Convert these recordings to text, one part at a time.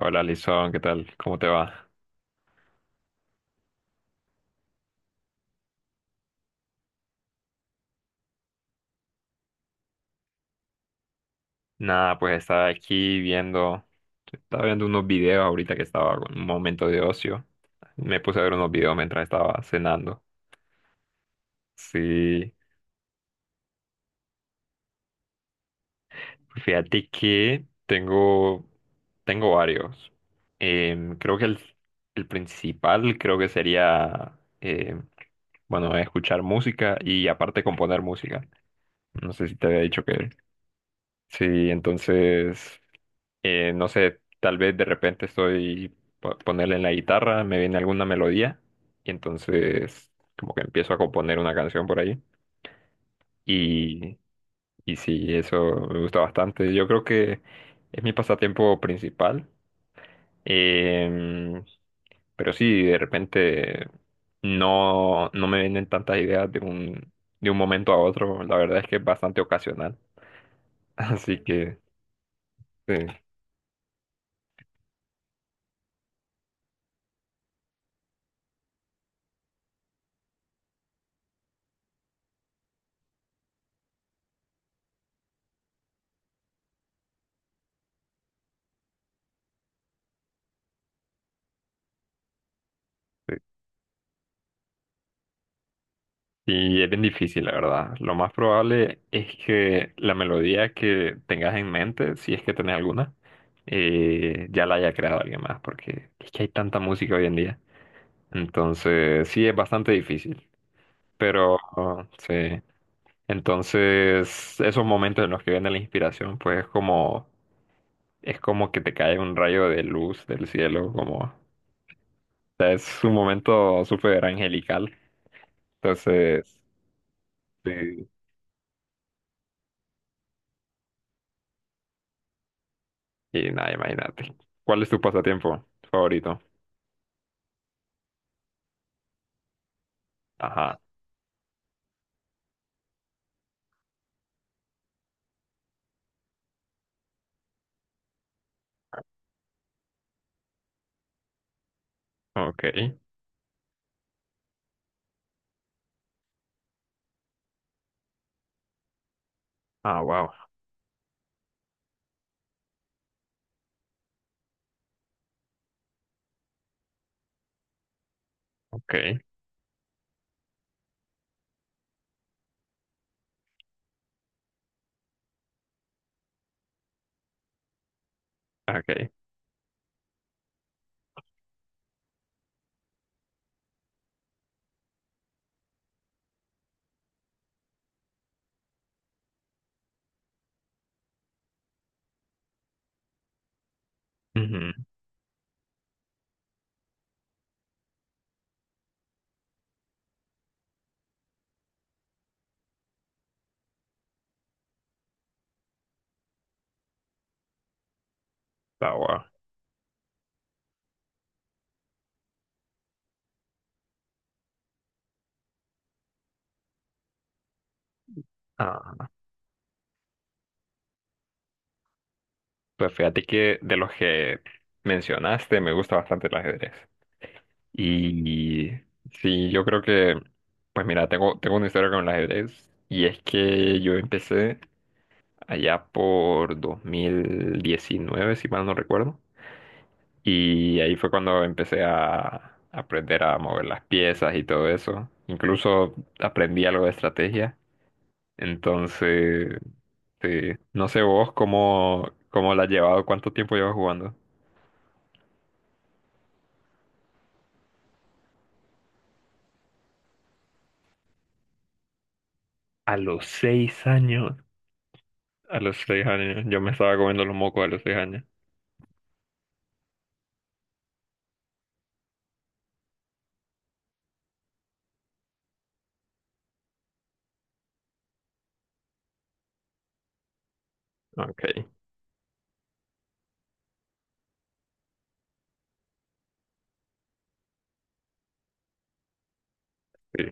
Hola, Lizón, ¿qué tal? ¿Cómo te va? Nada, pues estaba viendo unos videos ahorita que estaba en un momento de ocio. Me puse a ver unos videos mientras estaba cenando. Sí, fíjate que tengo varios. Creo que el principal creo que sería, bueno, escuchar música y aparte componer música. No sé si te había dicho que... Sí, entonces... no sé, tal vez de repente estoy ponerle en la guitarra, me viene alguna melodía y entonces como que empiezo a componer una canción por ahí. Y, y sí, eso me gusta bastante. Yo creo que es mi pasatiempo principal. Em, pero sí, de repente no me vienen tantas ideas de un momento a otro. La verdad es que es bastante ocasional. Así que sí. Sí. Y es bien difícil, la verdad. Lo más probable es que la melodía que tengas en mente, si es que tenés alguna, ya la haya creado alguien más, porque es que hay tanta música hoy en día. Entonces, sí, es bastante difícil. Pero, oh, sí. Entonces, esos momentos en los que viene la inspiración, pues es como que te cae un rayo de luz del cielo, como, o sea, es un momento súper angelical. Entonces, sí. Y nada, imagínate. ¿Cuál es tu pasatiempo favorito? Ajá, ok. Ah, wow, ok, ok. Ujú, ah, wow. Ah, pues fíjate que de los que mencionaste me gusta bastante el ajedrez. Y sí, yo creo que, pues mira, tengo una historia con el ajedrez. Y es que yo empecé allá por 2019 si mal no recuerdo. Y ahí fue cuando empecé a aprender a mover las piezas y todo eso. Incluso aprendí algo de estrategia. Entonces, sí. No sé vos cómo la has llevado, cuánto tiempo llevas jugando. A los seis años. A los seis años. Yo me estaba comiendo los mocos a los 6 años. Okay, sí,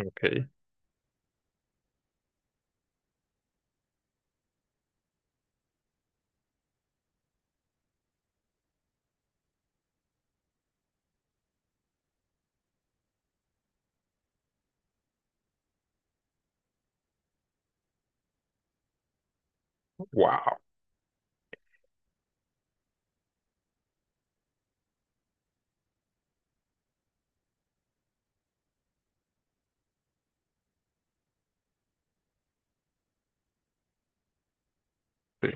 okay. Wow. Sí,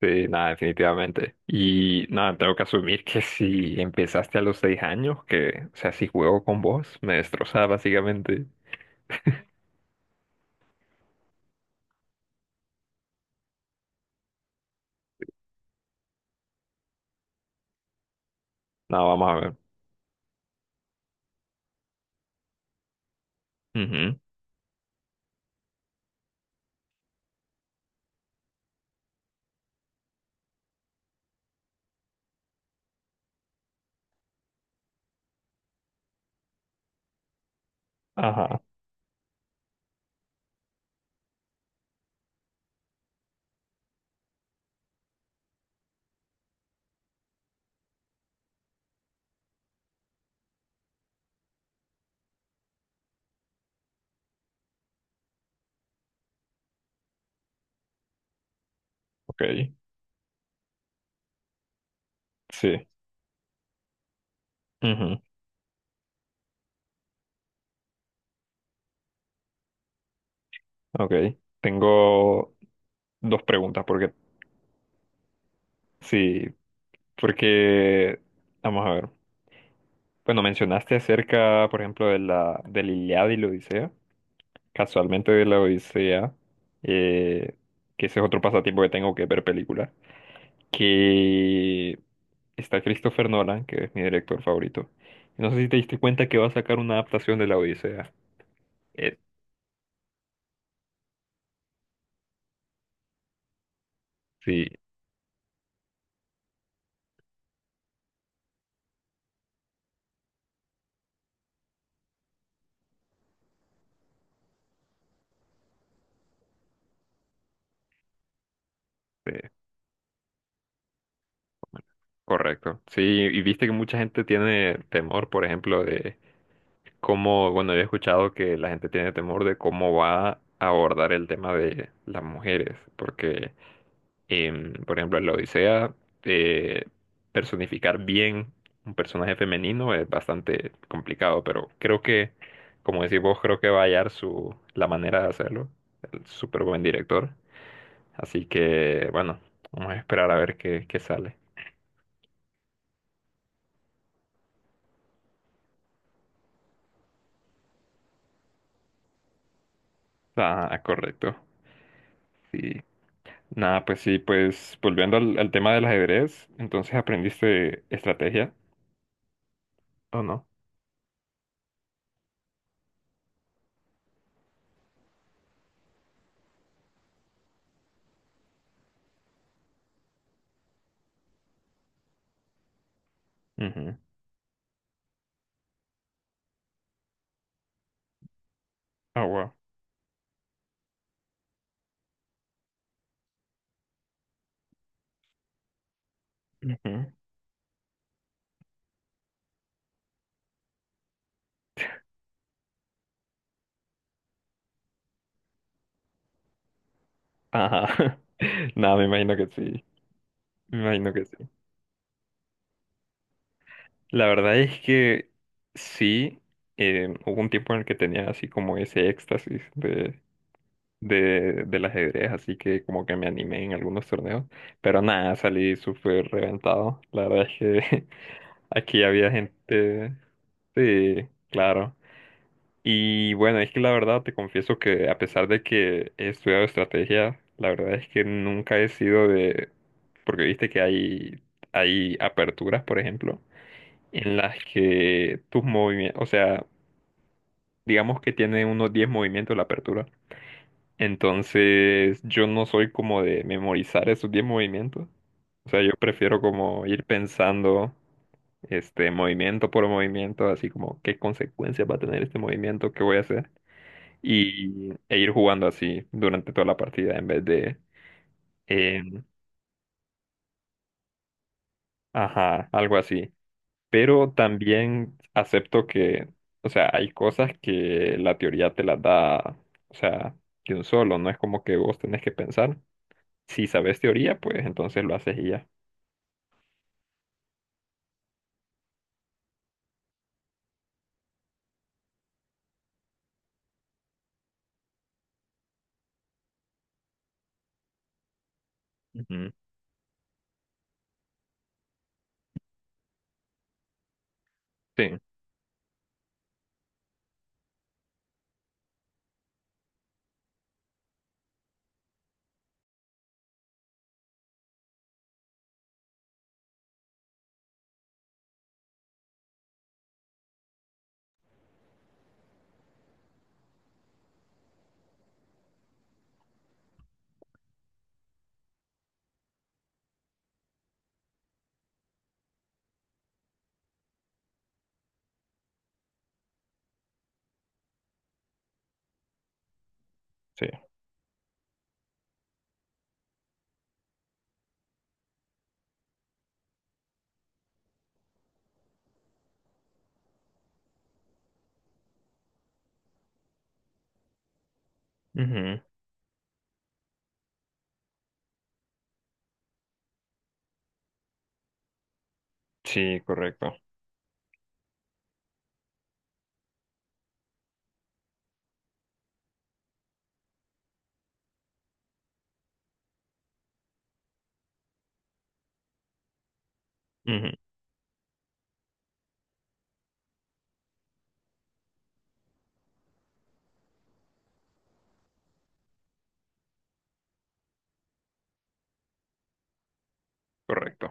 sí, nada, definitivamente. Y nada, tengo que asumir que si empezaste a los 6 años, que, o sea, si juego con vos, me destrozaba básicamente. No, vamos a ver. Ujú, ajá, ok. Sí, ujú. Ok. Tengo dos preguntas porque, sí, porque, vamos a ver. Bueno, mencionaste acerca, por ejemplo, del Iliada y la Odisea. Casualmente de la Odisea, eh, que ese es otro pasatiempo que tengo que es ver películas. Que está Christopher Nolan, que es mi director favorito. No sé si te diste cuenta que va a sacar una adaptación de la Odisea. Eh, sí. Sí. Correcto. Sí, y viste que mucha gente tiene temor, por ejemplo, bueno, yo he escuchado que la gente tiene temor de cómo va a abordar el tema de las mujeres, porque, por ejemplo, en la Odisea, eh, personificar bien un personaje femenino es bastante complicado, pero creo que, como decís vos, creo que va a hallar la manera de hacerlo, el súper buen director. Así que, bueno, vamos a esperar a ver qué sale. Ah, correcto. Sí. Nada, pues sí, pues volviendo al tema del ajedrez, entonces aprendiste estrategia, ¿o no? Ujú. Ah, wow. Ujú. Ajá. Nada, me imagino que sí. Me imagino que sí. La verdad es que sí, hubo un tiempo en el que tenía así como ese éxtasis del ajedrez, así que como que me animé en algunos torneos, pero nada, salí súper reventado. La verdad es que Aquí había gente. Sí, claro. Y bueno, es que la verdad te confieso que a pesar de que he estudiado estrategia, la verdad es que nunca he sido de... Porque viste que hay aperturas, por ejemplo, en las que tus movimientos, o sea, digamos que tiene unos 10 movimientos la apertura. Entonces, yo no soy como de memorizar esos 10 movimientos. O sea, yo prefiero como ir pensando, este, movimiento por movimiento, así como qué consecuencias va a tener este movimiento, qué voy a hacer. E ir jugando así durante toda la partida en vez de, eh, ajá, algo así. Pero también acepto que, o sea, hay cosas que la teoría te las da, o sea, de un solo, no es como que vos tenés que pensar. Si sabes teoría, pues entonces lo haces y ya. Ujú, sí, sí. Ujú, sí, correcto. Ujú, correcto.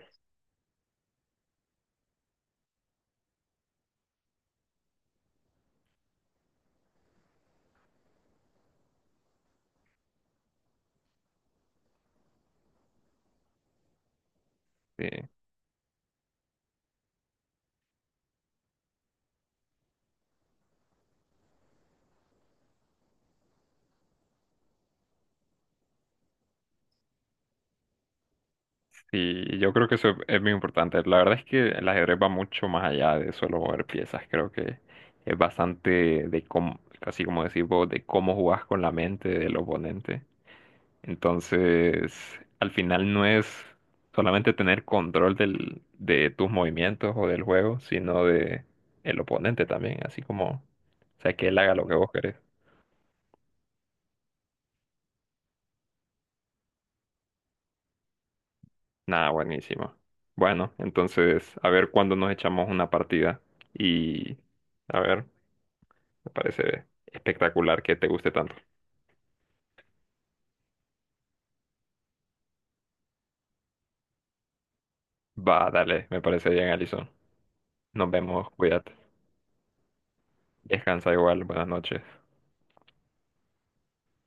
Sí, sí, yo creo que eso es muy importante. La verdad es que el ajedrez va mucho más allá de solo mover piezas. Creo que es bastante de cómo, casi como decir vos, de cómo jugás con la mente del oponente. Entonces, al final no es solamente tener control de tus movimientos o del juego, sino de el oponente también, así como, o sea, que él haga lo que vos querés. Nada, buenísimo. Bueno, entonces, a ver cuándo nos echamos una partida y, a ver, me parece espectacular que te guste tanto. Va, dale, me parece bien, Alison. Nos vemos, cuídate. Descansa igual, buenas noches.